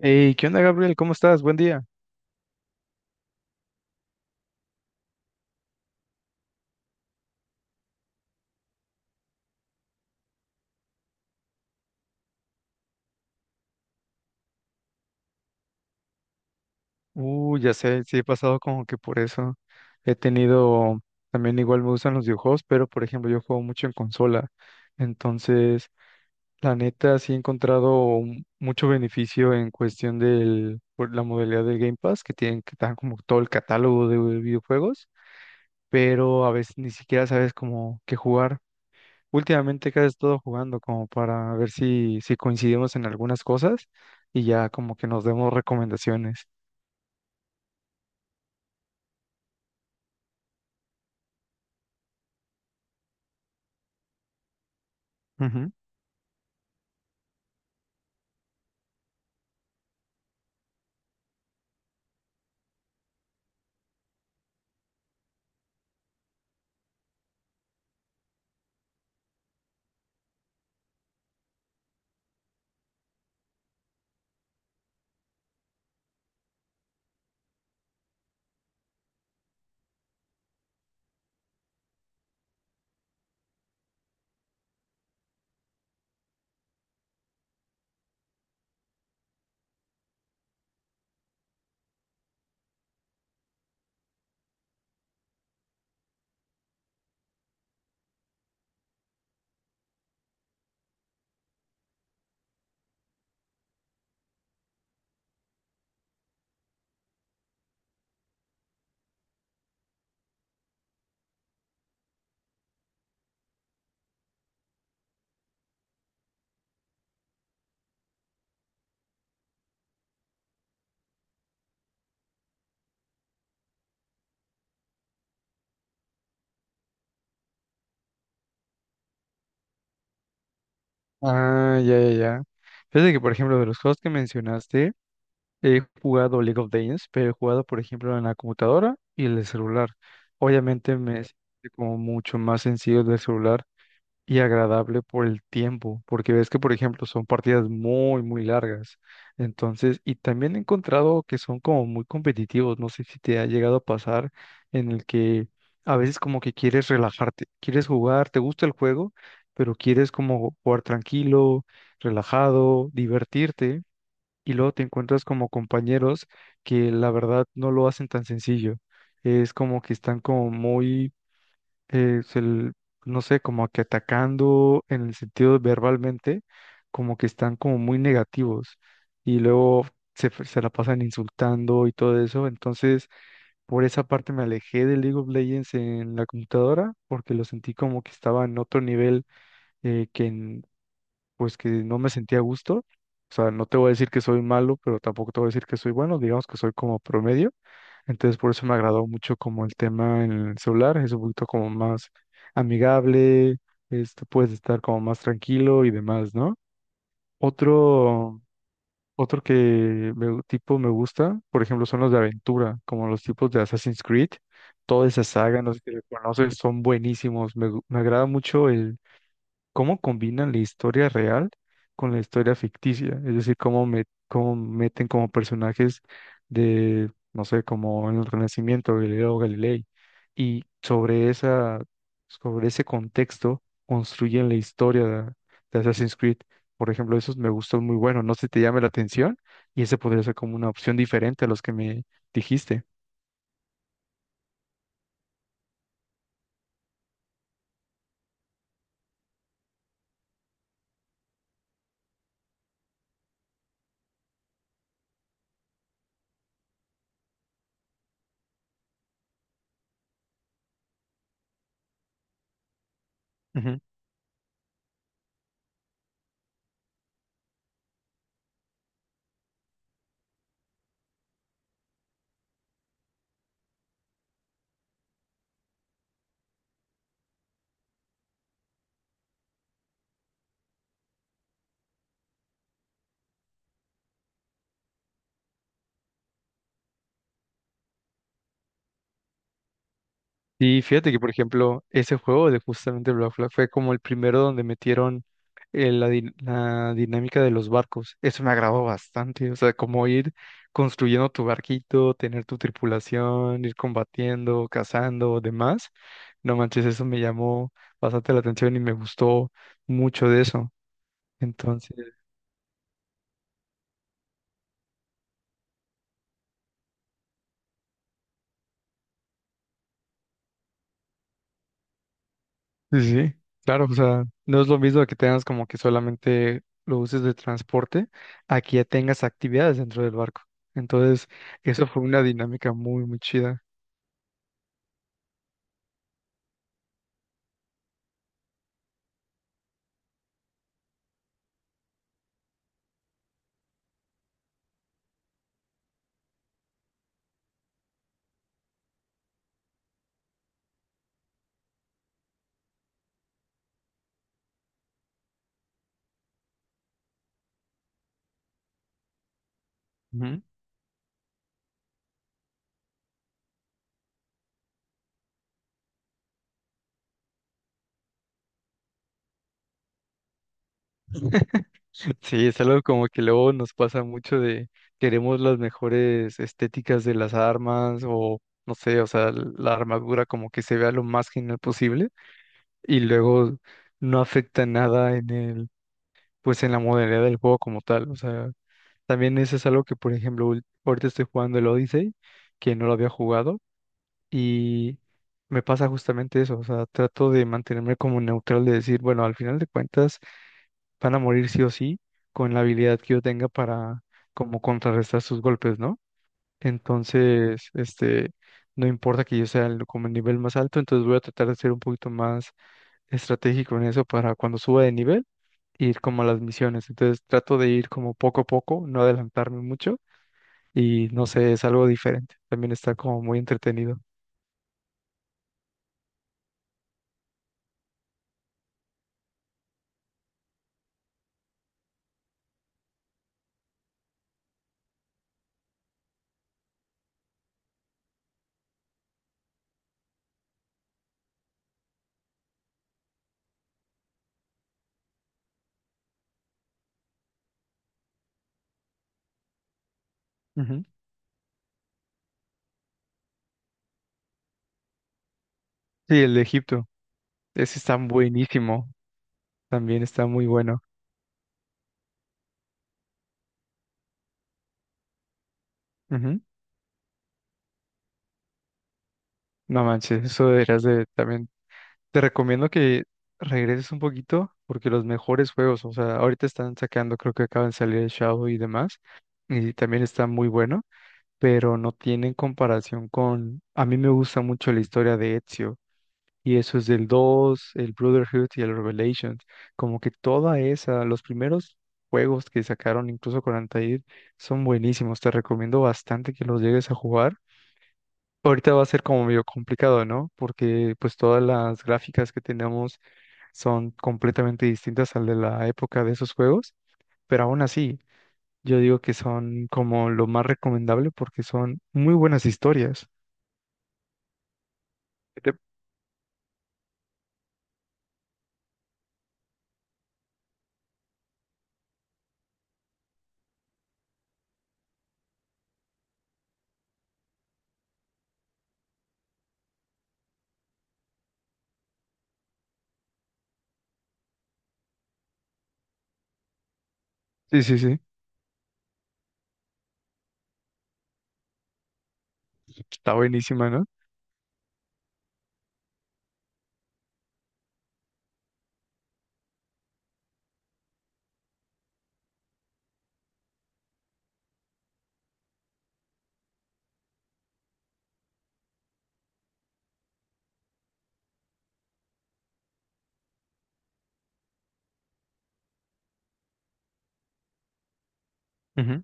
Hey, ¿qué onda, Gabriel? ¿Cómo estás? Buen día. Ya sé, sí he pasado como que por eso. He tenido, También igual me gustan los videojuegos, pero por ejemplo yo juego mucho en consola. Entonces, la neta sí he encontrado mucho beneficio en cuestión por la modalidad del Game Pass, que tienen que dan como todo el catálogo de videojuegos, pero a veces ni siquiera sabes como qué jugar. Últimamente casi he estado jugando como para ver si coincidimos en algunas cosas y ya como que nos demos recomendaciones. Ujú. Ah, ya, ya, ya. Fíjate que, por ejemplo, de los juegos que mencionaste, he jugado League of Legends, pero he jugado, por ejemplo, en la computadora y en el celular. Obviamente me es como mucho más sencillo el del celular y agradable por el tiempo, porque ves que, por ejemplo, son partidas muy, muy largas. Entonces, y también he encontrado que son como muy competitivos. No sé si te ha llegado a pasar en el que a veces como que quieres relajarte, quieres jugar, te gusta el juego, pero quieres como jugar tranquilo, relajado, divertirte, y luego te encuentras como compañeros que la verdad no lo hacen tan sencillo. Es como que están como muy eh, se l- no sé, como que atacando en el sentido verbalmente, como que están como muy negativos y luego se la pasan insultando y todo eso. Entonces, por esa parte me alejé de League of Legends en la computadora porque lo sentí como que estaba en otro nivel, eh, que en- pues que no me sentía a gusto. O sea, no te voy a decir que soy malo, pero tampoco te voy a decir que soy bueno, digamos que soy como promedio, entonces por eso me agradó mucho como el tema en el celular, es un poquito como más amigable, este, puedes estar como más tranquilo y demás, ¿no? Otro, otro que tipo me gusta, por ejemplo, son los de aventura, como los tipos de Assassin's Creed, toda esa saga, no sé si lo conoces, son buenísimos, me agrada mucho el cómo combinan la historia real con la historia ficticia, es decir, cómo meten como personajes de, no sé, como en el Renacimiento, Galileo Galilei, y sobre ese contexto construyen la historia de Assassin's Creed. Por ejemplo, esos me gustó muy bueno, no sé si te llame la atención, y ese podría ser como una opción diferente a los que me dijiste. Y fíjate que, por ejemplo, ese juego de justamente Black Flag fue como el primero donde metieron, la dinámica de los barcos. Eso me agradó bastante. O sea, como ir construyendo tu barquito, tener tu tripulación, ir combatiendo, cazando, demás. No manches, eso me llamó bastante la atención y me gustó mucho de eso. Sí, sí, sí, claro, o sea, no es lo mismo que tengas como que solamente lo uses de transporte, a que ya tengas actividades dentro del barco. Entonces, eso fue una dinámica muy, muy chida. Ujú. Sí, es algo como que luego nos pasa mucho de queremos las mejores estéticas de las armas o no sé, o sea, la armadura como que se vea lo más genial posible y luego no afecta nada en el, pues en la modalidad del juego como tal. O sea, también eso es algo que, por ejemplo, ahorita estoy jugando el Odyssey, que no lo había jugado, y me pasa justamente eso, o sea, trato de mantenerme como neutral, de decir, bueno, al final de cuentas van a morir sí o sí con la habilidad que yo tenga para como contrarrestar sus golpes, ¿no? Entonces, este, no importa que yo sea como el nivel más alto, entonces voy a tratar de ser un poquito más estratégico en eso para cuando suba de nivel, ir como a las misiones. Entonces trato de ir como poco a poco, no adelantarme mucho y no sé, es algo diferente. También está como muy entretenido. Ujú. Sí, el de Egipto. Ese está buenísimo. También está muy bueno. Ujú. No manches, eso deberías de también. Te recomiendo que regreses un poquito porque los mejores juegos, o sea, ahorita están sacando, creo que acaban de salir el Shadow y demás. Y también está muy bueno, pero no tienen comparación con... A mí me gusta mucho la historia de Ezio. Y eso es del 2 el Brotherhood y el Revelations. Como que toda esa, los primeros juegos que sacaron, incluso con Altair, son buenísimos. Te recomiendo bastante que los llegues a jugar. Ahorita va a ser como medio complicado, ¿no? Porque pues todas las gráficas que tenemos son completamente distintas al de la época de esos juegos, pero aún así, yo digo que son como lo más recomendable porque son muy buenas historias. ¿Qué te- Sí, sí, sí. Está buenísima, ¿no? Ujú.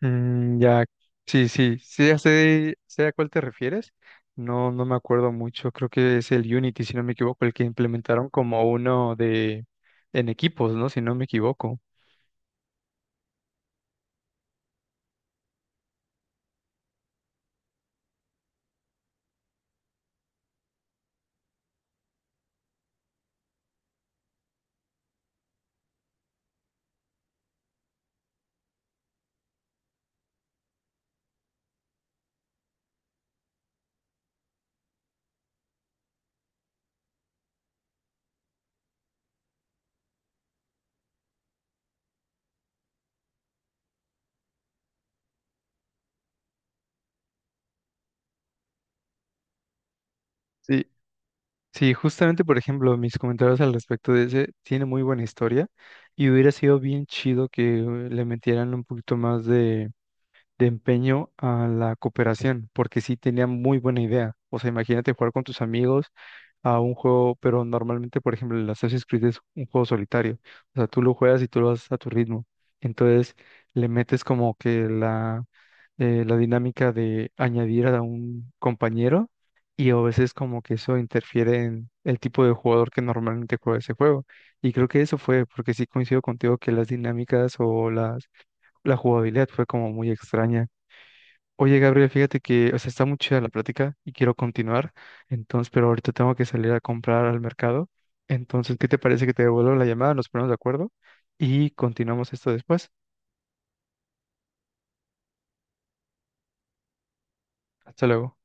Mm, ya, sí, sí, sí, ya sé, a cuál te refieres. No, no me acuerdo mucho. Creo que es el Unity, si no me equivoco, el que implementaron como uno de en equipos, ¿no? Si no me equivoco. Sí, sí, justamente, por ejemplo, mis comentarios al respecto de ese tiene muy buena historia y hubiera sido bien chido que le metieran un poquito más de empeño a la cooperación, porque sí tenía muy buena idea. O sea, imagínate jugar con tus amigos a un juego, pero normalmente, por ejemplo, el Assassin's Creed es un juego solitario. O sea, tú lo juegas y tú lo haces a tu ritmo. Entonces, le metes como que la dinámica de añadir a un compañero y a veces como que eso interfiere en el tipo de jugador que normalmente juega ese juego. Y creo que eso fue, porque sí coincido contigo que las dinámicas o la jugabilidad fue como muy extraña. Oye, Gabriel, fíjate que, o sea, está muy chida la plática y quiero continuar, entonces, pero ahorita tengo que salir a comprar al mercado. Entonces, ¿qué te parece que te devuelvo la llamada? Nos ponemos de acuerdo y continuamos esto después. Hasta luego.